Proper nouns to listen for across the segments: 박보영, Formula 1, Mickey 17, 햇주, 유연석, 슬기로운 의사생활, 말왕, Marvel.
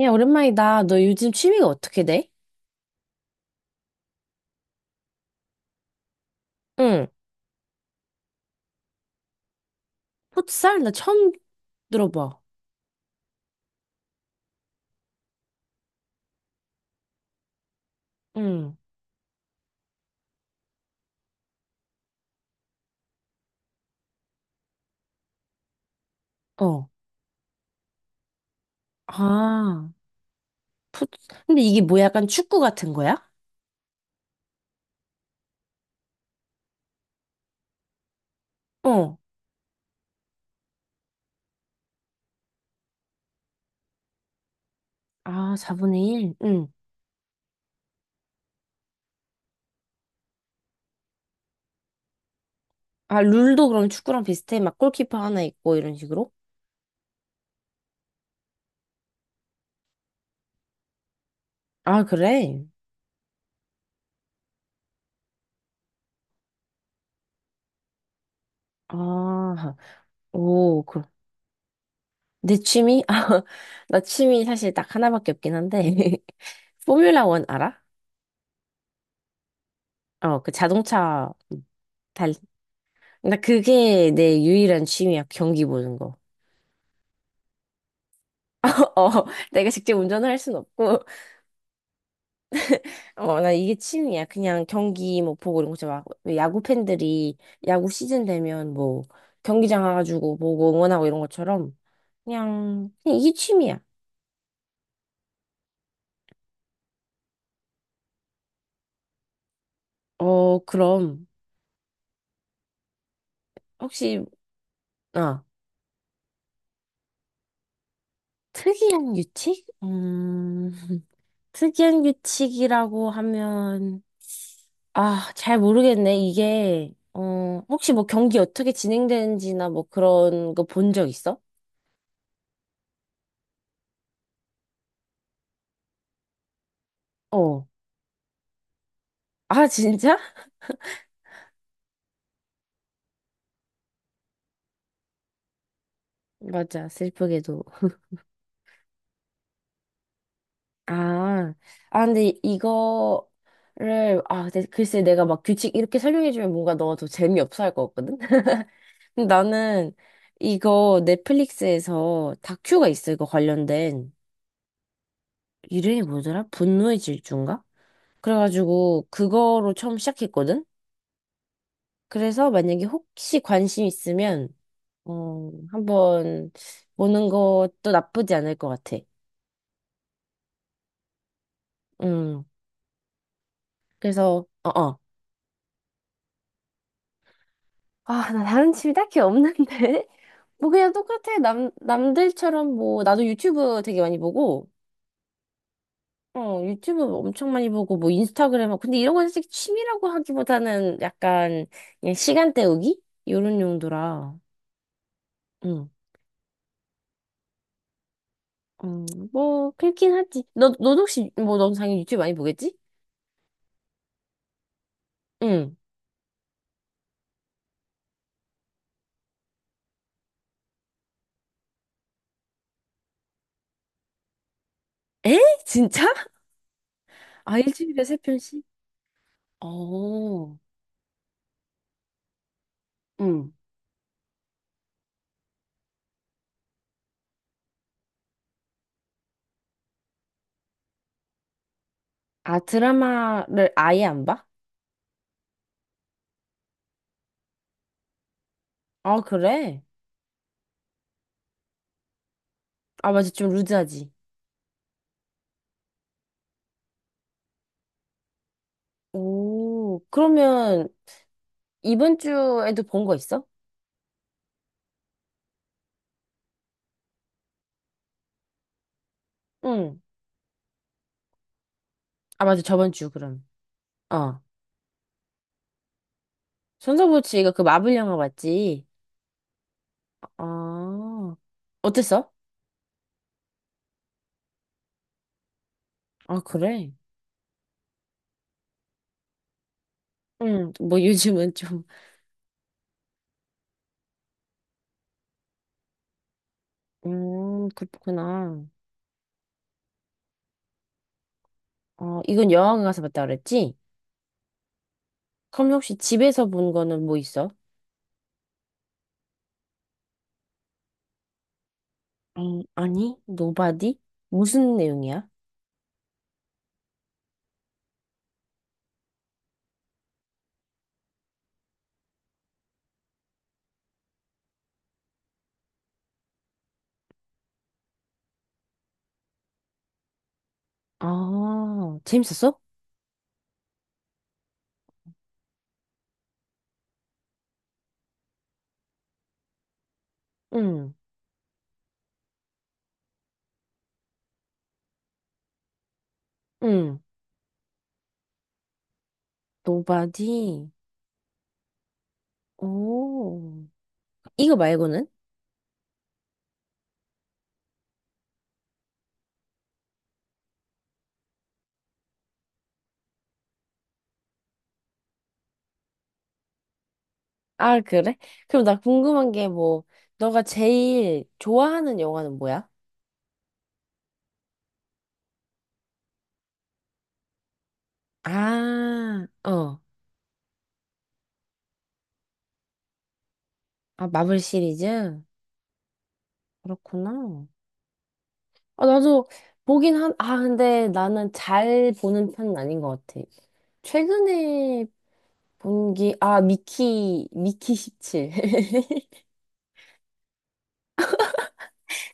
야, 오랜만이다. 너 요즘 취미가 어떻게 돼? 응. 풋살? 나 처음 들어봐. 응. 어. 아, 풋, 근데 이게 뭐 약간 축구 같은 거야? 어. 아, 4분의 1? 응. 아, 룰도 그럼 축구랑 비슷해? 막 골키퍼 하나 있고 이런 식으로? 아, 그래? 아, 오, 그, 내 취미? 아, 나 취미 사실 딱 하나밖에 없긴 한데. 포뮬라 원 알아? 어, 그 자동차 달. 나 그게 내 유일한 취미야. 경기 보는 거. 어, 내가 직접 운전을 할 순 없고, 어, 나 이게 취미야. 그냥 경기 뭐 보고 이런 거 있잖아. 막 야구 팬들이 야구 시즌 되면 뭐 경기장 와가지고 보고 응원하고 이런 것처럼 그냥 이게 취미야. 어, 그럼 혹시, 아, 특이한 규칙? 특이한 규칙이라고 하면, 아, 잘 모르겠네. 이게, 어, 혹시 뭐 경기 어떻게 진행되는지나 뭐 그런 거 본 적 있어? 어. 아, 진짜? 맞아, 슬프게도. 아, 아, 근데 이거를, 아, 근데 글쎄 내가 막 규칙 이렇게 설명해주면 뭔가 너가 더 재미없어 할 것 같거든? 근데 나는 이거 넷플릭스에서 다큐가 있어, 이거 관련된. 이름이 뭐더라? 분노의 질주인가? 그래가지고 그거로 처음 시작했거든? 그래서 만약에 혹시 관심 있으면, 어, 한번 보는 것도 나쁘지 않을 것 같아. 음, 그래서, 어어. 아, 나 다른 취미 딱히 없는데? 뭐 그냥 똑같아. 남들처럼 뭐, 나도 유튜브 되게 많이 보고, 어, 유튜브 엄청 많이 보고, 뭐 인스타그램, 하고. 근데 이런 건 사실 취미라고 하기보다는 약간 그냥 시간 때우기? 이런 용도라. 응. 음, 뭐, 그렇긴 하지. 너 혹시, 뭐, 넌 당연히 유튜브 많이 보겠지? 응. 에? 진짜? 아, 일주일에 3편씩? 어, 응. 아, 드라마를 아예 안 봐? 아, 그래? 아, 맞아. 좀 루즈하지. 오, 그러면 이번 주에도 본 거 있어? 응. 아, 맞아. 저번 주, 그럼. 어. 손석구치가 그 마블 영화 봤지? 아, 어땠어? 아, 그래? 응. 뭐 요즘은 좀, 그렇구나. 어, 이건 영화관 가서 봤다 그랬지? 그럼 혹시 집에서 본 거는 뭐 있어? 아니, 노바디? 무슨 내용이야? 아, 재밌었어? 응, 응. 노바디? 오. 이거 말고는? 아, 그래? 그럼 나 궁금한 게 뭐, 너가 제일 좋아하는 영화는 뭐야? 아, 어. 아, 마블 시리즈? 그렇구나. 아, 나도 보긴 한, 아, 근데 나는 잘 보는 편은 아닌 것 같아. 최근에 본 게, 아, 미키 십칠.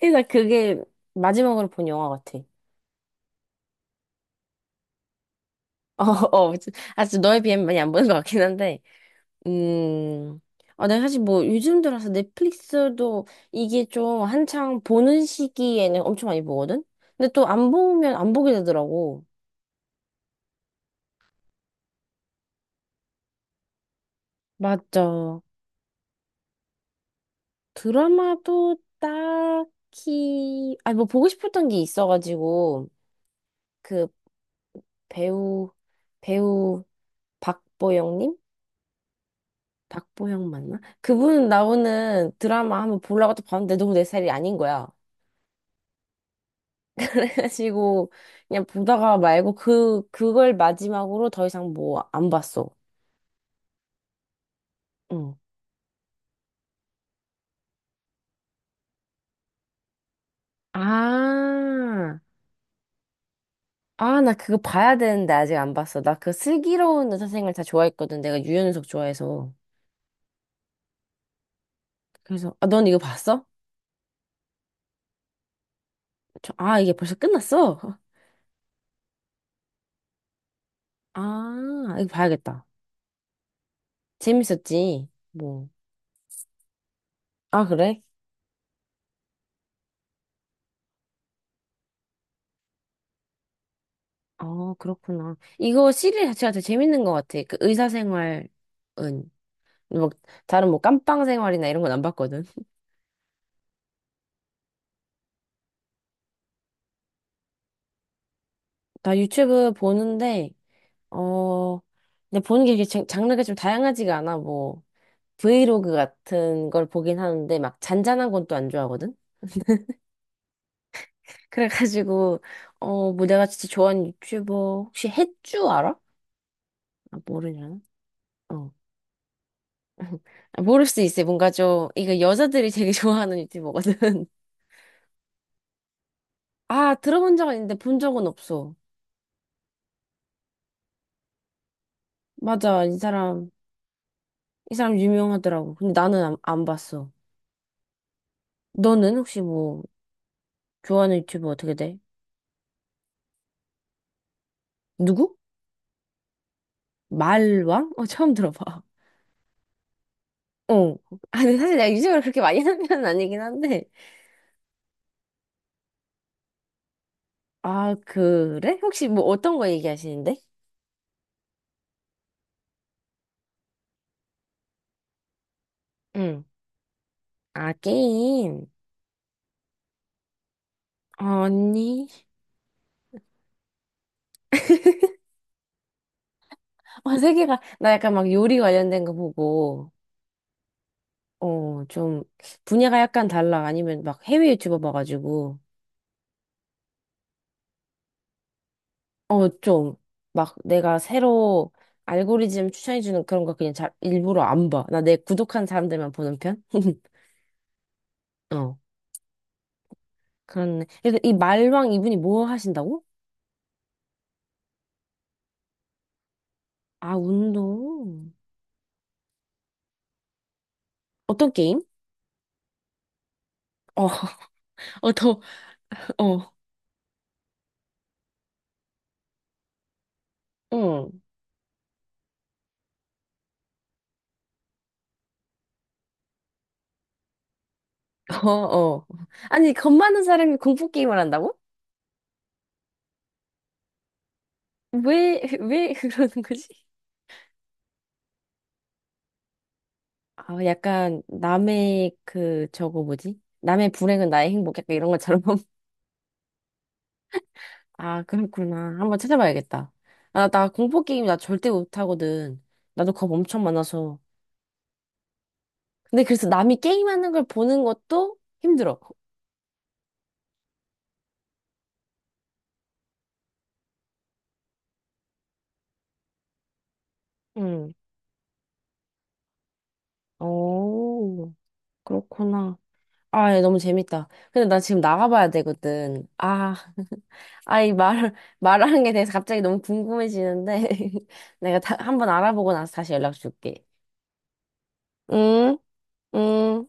그래서 그게 마지막으로 본 영화 같아. 어, 어. 아, 진짜 너에 비하면 많이 안 보는 것 같긴 한데. 음. 아, 내가 사실 뭐 요즘 들어서 넷플릭스도 이게 좀 한창 보는 시기에는 엄청 많이 보거든? 근데 또 안 보면 안 보게 되더라고. 맞죠. 드라마도 딱히, 아니 뭐 보고 싶었던 게 있어가지고, 그 배우, 배우 박보영님? 박보영 맞나? 그분 나오는 드라마 한번 보려고 또 봤는데 너무 내 스타일이 아닌 거야. 그래가지고 그냥 보다가 말고 그걸 마지막으로 더 이상 뭐 안 봤어. 응. 아, 아, 나 그거 봐야 되는데 아직 안 봤어. 나 그 슬기로운 의사생활 다 좋아했거든. 내가 유연석 좋아해서. 그래서 아, 넌 이거 봤어? 저, 아, 이게 벌써 끝났어? 아, 이거 봐야겠다. 재밌었지. 뭐. 아, 그래? 아, 그렇구나. 이거 시리즈 자체가 되게 재밌는 것 같아. 그 의사생활은 막 다른 뭐 깜빵 생활이나 이런 건 안 봤거든. 나 유튜브 보는데, 어, 근데 보는 게 이렇게 장르가 좀 다양하지가 않아. 뭐, 브이로그 같은 걸 보긴 하는데, 막 잔잔한 건 또 안 좋아하거든? 그래가지고, 어, 뭐 내가 진짜 좋아하는 유튜버, 혹시 햇주 알아? 아, 모르냐? 어. 아, 모를 수 있어. 뭔가 좀, 이거 여자들이 되게 좋아하는 유튜버거든. 아, 들어본 적은 있는데 본 적은 없어. 맞아, 이 사람, 이 사람 유명하더라고. 근데 나는 안 봤어. 너는 혹시 뭐, 좋아하는 유튜버 어떻게 돼? 누구? 말왕? 어, 처음 들어봐. 어. 아, 근데 사실 내가 유브를 그렇게 많이 하는 편은 아니긴 한데. 아, 그래? 혹시 뭐 어떤 거 얘기하시는데? 응. 아, 게임. 언니. 어, 세계가, 나 약간 막 요리 관련된 거 보고, 어, 좀, 분야가 약간 달라. 아니면 막 해외 유튜버 봐가지고, 어, 좀, 막 내가 새로 알고리즘 추천해주는 그런 거 그냥 잘, 일부러 안 봐. 나 내 구독한 사람들만 보는 편? 어. 그렇네. 그래서 이 말왕 이분이 뭐 하신다고? 아, 운동. 어떤 게임? 어, 어, 더, 어, 응, 어, 어. 아니, 겁 많은 사람이 공포 게임을 한다고? 왜 그러는 거지? 아, 약간 남의 그, 저거 뭐지? 남의 불행은 나의 행복, 약간 이런 것처럼. 아, 그렇구나. 한번 찾아봐야겠다. 아, 나 공포 게임 나 절대 못하거든. 나도 겁 엄청 많아서. 근데 그래서 남이 게임하는 걸 보는 것도 힘들어. 오, 그렇구나. 아, 예, 너무 재밌다. 근데 나 지금 나가봐야 되거든. 아, 아, 이 말, 말하는 게 대해서 갑자기 너무 궁금해지는데. 내가 다, 한번 알아보고 나서 다시 연락 줄게. 응, 응.